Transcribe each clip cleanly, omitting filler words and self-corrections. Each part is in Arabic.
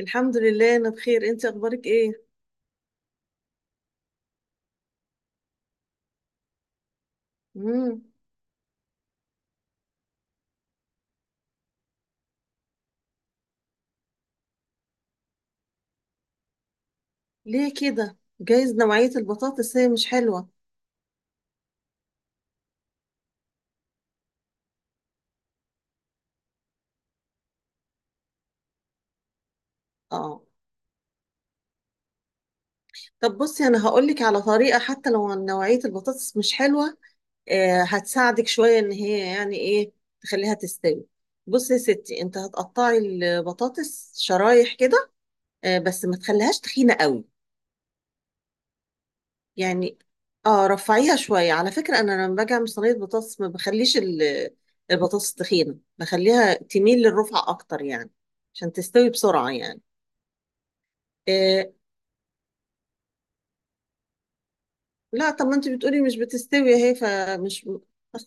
الحمد لله، انا بخير. انت اخبارك ايه؟ امم. ليه كده؟ جايز نوعية البطاطس هي مش حلوة. اه، طب بصي، انا هقولك على طريقة حتى لو نوعية البطاطس مش حلوة. هتساعدك شوية ان هي يعني ايه تخليها تستوي. بصي يا ستي، انت هتقطعي البطاطس شرايح كده. آه بس ما تخليهاش تخينة قوي. يعني، اه، رفعيها شوية. على فكرة أنا لما باجي أعمل صينية بطاطس ما بخليش البطاطس تخينة، بخليها تميل للرفع أكتر يعني. عشان تستوي بسرعة يعني. إيه، لا طب ما أنت بتقولي مش بتستوي أهي فمش.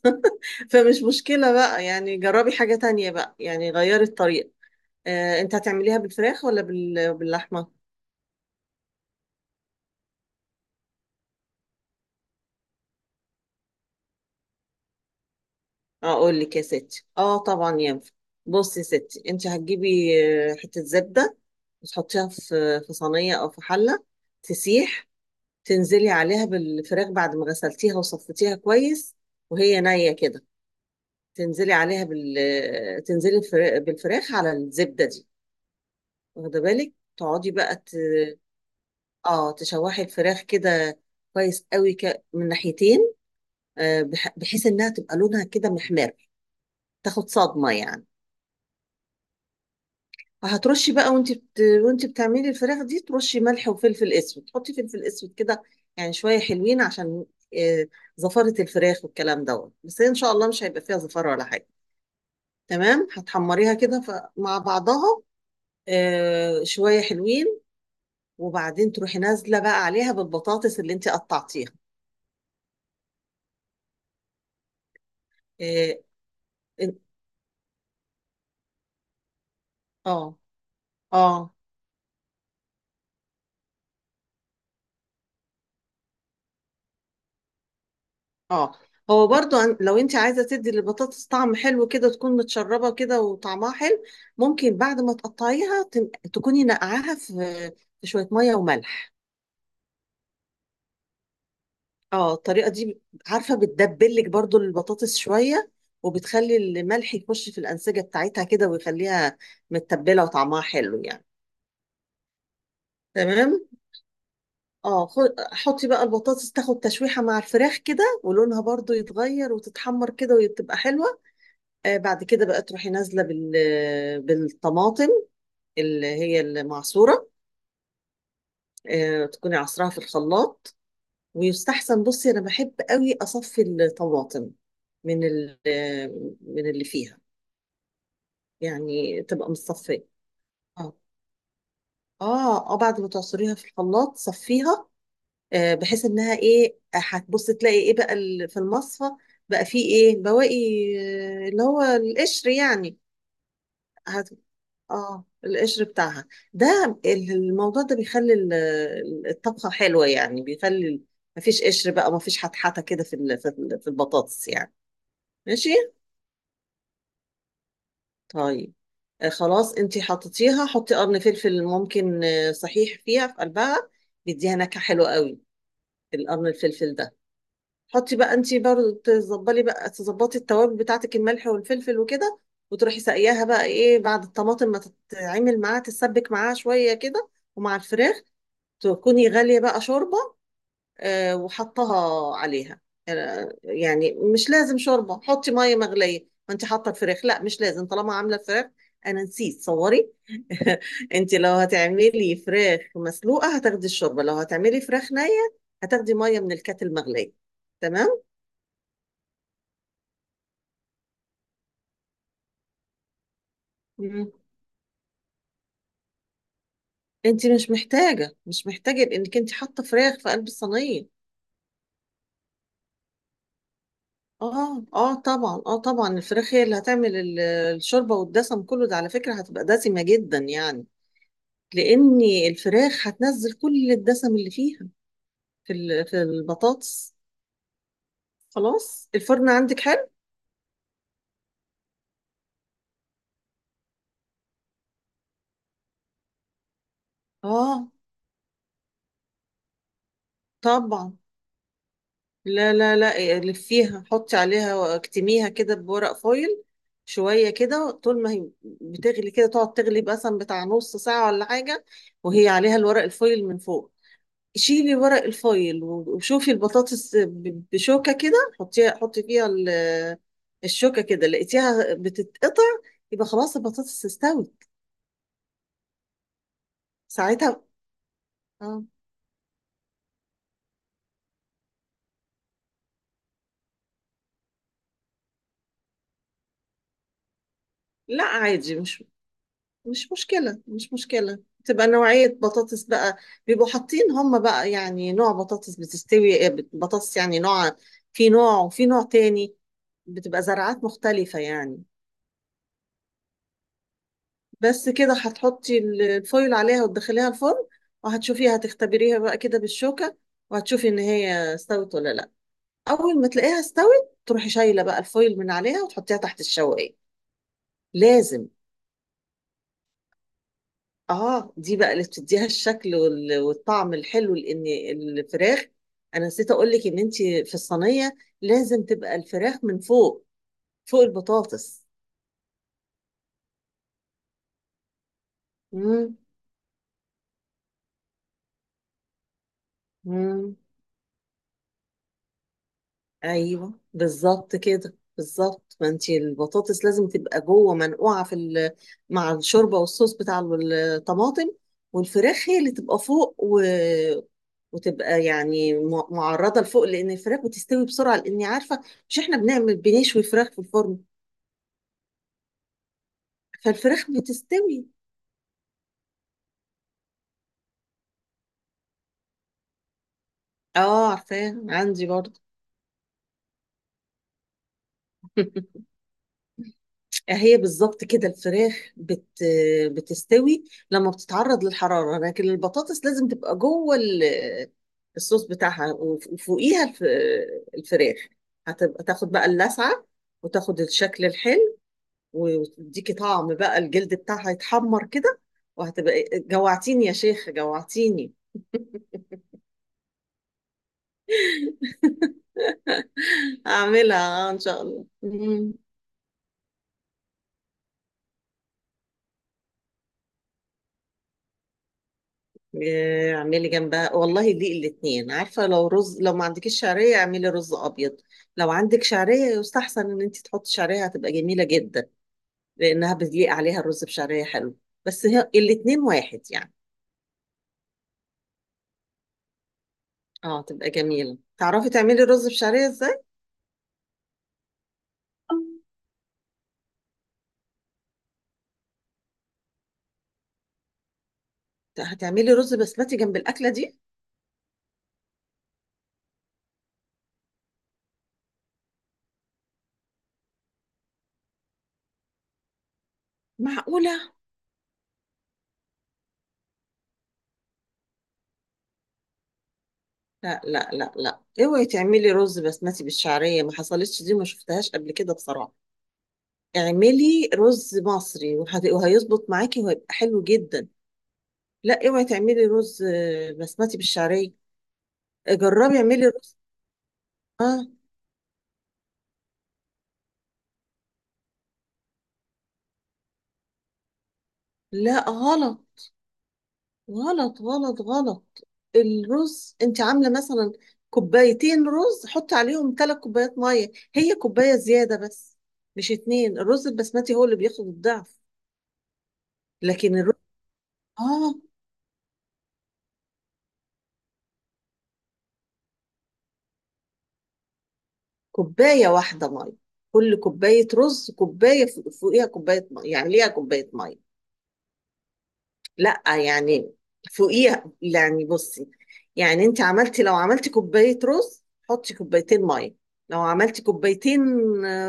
فمش مشكلة بقى يعني، جربي حاجة تانية بقى يعني، غيري الطريقة. إيه، أنت هتعمليها بالفراخ ولا باللحمة؟ أقول لك يا ستي، اه طبعا ينفع. بصي يا ستي، أنت هتجيبي حتة زبدة، وتحطيها في صينية أو في حلة، تسيح. تنزلي عليها بالفراخ بعد ما غسلتيها وصفتيها كويس وهي نية كده. تنزلي عليها بال تنزلي بالفراخ على الزبدة دي. واخدة بالك، تقعدي بقى اه تشوحي الفراخ كده، كويس قوي من ناحيتين. بحيث انها تبقى لونها كده محمر، تاخد صدمة يعني. هترشي بقى، وانت بتعملي الفراخ دي ترشي ملح وفلفل اسود، تحطي فلفل اسود كده. يعني شويه حلوين عشان آه، زفاره الفراخ والكلام دوت. بس هي ان شاء الله مش هيبقى فيها زفاره ولا حاجه. تمام، هتحمريها كده مع بعضها. شويه حلوين. وبعدين تروحي نازله بقى عليها بالبطاطس اللي انت قطعتيها. اه. إن- اه. آه. اه، هو برضو لو انت عايزه تدي للبطاطس طعم حلو كده، تكون متشربه كده وطعمها حلو. ممكن بعد ما تقطعيها تكوني نقعاها في شويه ميه وملح. اه الطريقه دي، عارفه، بتدبلك برضو البطاطس شويه، وبتخلي الملح يخش في الانسجه بتاعتها كده ويخليها متبله وطعمها حلو يعني. تمام. اه حطي بقى البطاطس تاخد تشويحه مع الفراخ كده، ولونها برضو يتغير وتتحمر كده وتبقى حلوه. بعد كده بقى تروحي نازله بالطماطم اللي هي المعصوره. تكوني عصراها في الخلاط. ويستحسن، بصي انا بحب قوي اصفي الطماطم من ال... آه، من اللي فيها يعني، تبقى متصفيه. اه، اه، بعد ما تعصريها في الخلاط صفيها. بحيث انها ايه، هتبصي تلاقي ايه بقى في المصفى، بقى فيه ايه بواقي، اللي هو القشر يعني. هت- اه القشر بتاعها. ده الموضوع ده بيخلي الطبخة حلوة يعني، بيخلي مفيش قشر بقى، مفيش حتحته كده في البطاطس يعني. ماشي. طيب. خلاص انتي حطيتيها، حطي قرن فلفل ممكن. صحيح فيها في قلبها بيديها نكهة حلوة قوي، القرن الفلفل ده. حطي بقى انتي برضه تظبلي بقى تظبطي التوابل بتاعتك، الملح والفلفل وكده. وتروحي ساقياها بقى ايه بعد الطماطم ما تتعمل معاها، تتسبك معاها شوية كده ومع الفراخ. تكوني غالية بقى شوربة، وحطها عليها. يعني مش لازم شوربة، حطي مية مغلية. ما انت حاطة الفراخ، لا مش لازم طالما عاملة فراخ. انا نسيت صوري. انت لو هتعملي فراخ مسلوقة هتاخدي الشوربة، لو هتعملي فراخ نية هتاخدي مية من الكاتل المغلية. تمام. مم. انت مش محتاجة لانك انت حاطة فراخ في قلب الصينية. اه اه طبعا اه طبعا، الفراخ هي اللي هتعمل الشوربة، والدسم كله ده على فكرة هتبقى دسمة جدا يعني، لأن الفراخ هتنزل كل الدسم اللي فيها في البطاطس. خلاص. الفرن عندك حلو؟ اه طبعا. لا لا لا، لفيها حطي عليها واكتميها كده بورق فويل. شوية كده، طول ما هي بتغلي كده تقعد تغلي مثلا بتاع نص ساعة ولا حاجة، وهي عليها الورق الفويل من فوق. شيلي ورق الفايل وشوفي البطاطس بشوكة كده. حطي فيها الشوكة كده، لقيتيها بتتقطع يبقى خلاص البطاطس استوت ساعتها. اه. لا عادي، مش مشكلة، مش مشكلة. تبقى نوعية بطاطس بقى. بيبقوا حاطين هم بقى يعني نوع بطاطس بتستوي، بطاطس يعني نوع، في نوع وفي نوع تاني، بتبقى زراعات مختلفة يعني. بس كده، هتحطي الفويل عليها وتدخليها الفرن، وهتشوفيها، هتختبريها بقى كده بالشوكة، وهتشوفي ان هي استوت ولا لا. اول ما تلاقيها استوت، تروحي شايلة بقى الفويل من عليها وتحطيها تحت الشواية، لازم. اه دي بقى اللي بتديها الشكل والطعم الحلو. لان الفراخ، انا نسيت اقول لك ان انت في الصينية لازم تبقى الفراخ من فوق، فوق البطاطس. امم، ايوه بالظبط كده، بالظبط، ما انت البطاطس لازم تبقى جوه منقوعه مع الشوربه والصوص بتاع الطماطم. والفراخ هي اللي تبقى فوق وتبقى يعني معرضه لفوق، لان الفراخ بتستوي بسرعه، لاني عارفه. مش احنا بنشوي فراخ في الفرن، فالفراخ بتستوي. اه، عارفاه عندي برضه. هي بالظبط كده، الفراخ بتستوي لما بتتعرض للحرارة، لكن البطاطس لازم تبقى جوه الصوص بتاعها وفوقيها الفراخ. هتبقى تاخد بقى اللسعة، وتاخد الشكل الحلو، وتديكي طعم بقى، الجلد بتاعها يتحمر كده. وهتبقى جوعتيني يا شيخة، جوعتيني. هعملها ان شاء الله. مم. اعملي جنبها والله دي الاتنين، عارفة؟ لو ما عندكيش شعرية اعملي رز ابيض. لو عندك شعرية يستحسن ان انت تحطي شعرية، هتبقى جميلة جدا، لانها بيليق عليها الرز بشعرية حلو. بس هي الاتنين واحد يعني. اه، تبقى جميلة. تعرفي تعملي رز بشعرية ازاي؟ هتعملي رز بسمتي جنب الاكلة دي؟ معقولة؟ لا لا لا لا، اوعي تعملي رز بسمتي بالشعرية، ما حصلتش دي، ما شفتهاش قبل كده بصراحة. اعملي رز مصري وهيظبط معاكي وهيبقى حلو جدا. لا، اوعي تعملي رز بسمتي بالشعريه. جربي، اعملي رز. اه، لا، غلط غلط غلط غلط. الرز، انت عامله مثلا كوبايتين رز، حطي عليهم 3 كوبايات ميه، هي كوبايه زياده بس، مش اتنين. الرز البسمتي هو اللي بياخد الضعف، لكن الرز. اه، كوبايه واحده ميه. كل كوبايه رز، كوبايه فوقيها كوبايه ميه، يعني ليها كوبايه ميه. لا يعني فوقيها يعني. بصي. يعني انت عملتي لو عملتي كوباية رز، حطي كوبايتين مية. لو عملتي كوبايتين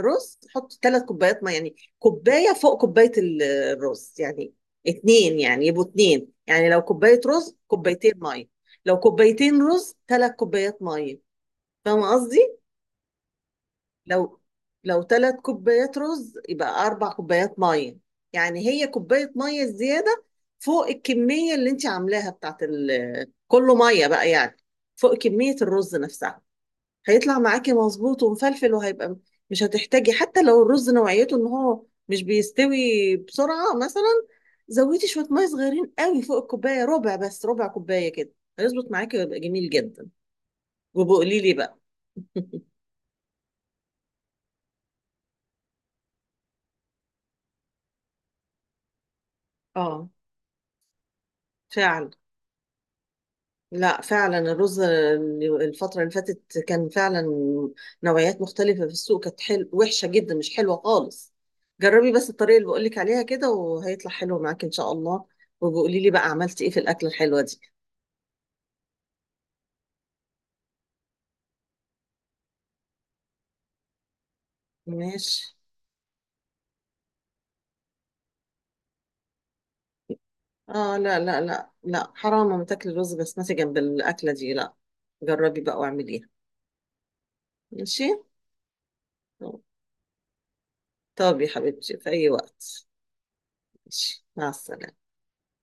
رز، حطي 3 كوبايات مية. يعني كوباية فوق كوباية الرز يعني، اتنين يعني، يبقوا اتنين، يعني لو كوباية رز كوبايتين مية. لو كوبايتين رز 3 كوبايات مية، فاهمة قصدي؟ لو لو 3 كوبايات رز يبقى 4 كوبايات ميه. يعني هي كوبايه ميه زياده فوق الكميه اللي انت عاملاها بتاعت كله، ميه بقى يعني، فوق كميه الرز نفسها. هيطلع معاكي مظبوط ومفلفل وهيبقى. مش هتحتاجي حتى لو الرز نوعيته ان هو مش بيستوي بسرعه مثلا، زودي شويه ميه صغيرين قوي فوق الكوبايه، ربع بس، ربع كوبايه كده، هيظبط معاكي ويبقى جميل جدا. وبقولي لي بقى. اه فعلا. لا فعلا الرز الفترة اللي فاتت كان فعلا نوعيات مختلفة في السوق، كانت وحشة جدا، مش حلوة خالص. جربي بس الطريقة اللي بقولك عليها كده وهيطلع حلو معاك إن شاء الله، وبقولي لي بقى عملتي إيه في الأكلة الحلوة دي. ماشي. آه لا لا لا لا، حرام ما تاكلي الرز بسمتي جنب الأكلة دي، لا. جربي بقى واعمليها. ماشي. طب يا حبيبتي، في أي وقت. ماشي، مع السلامة.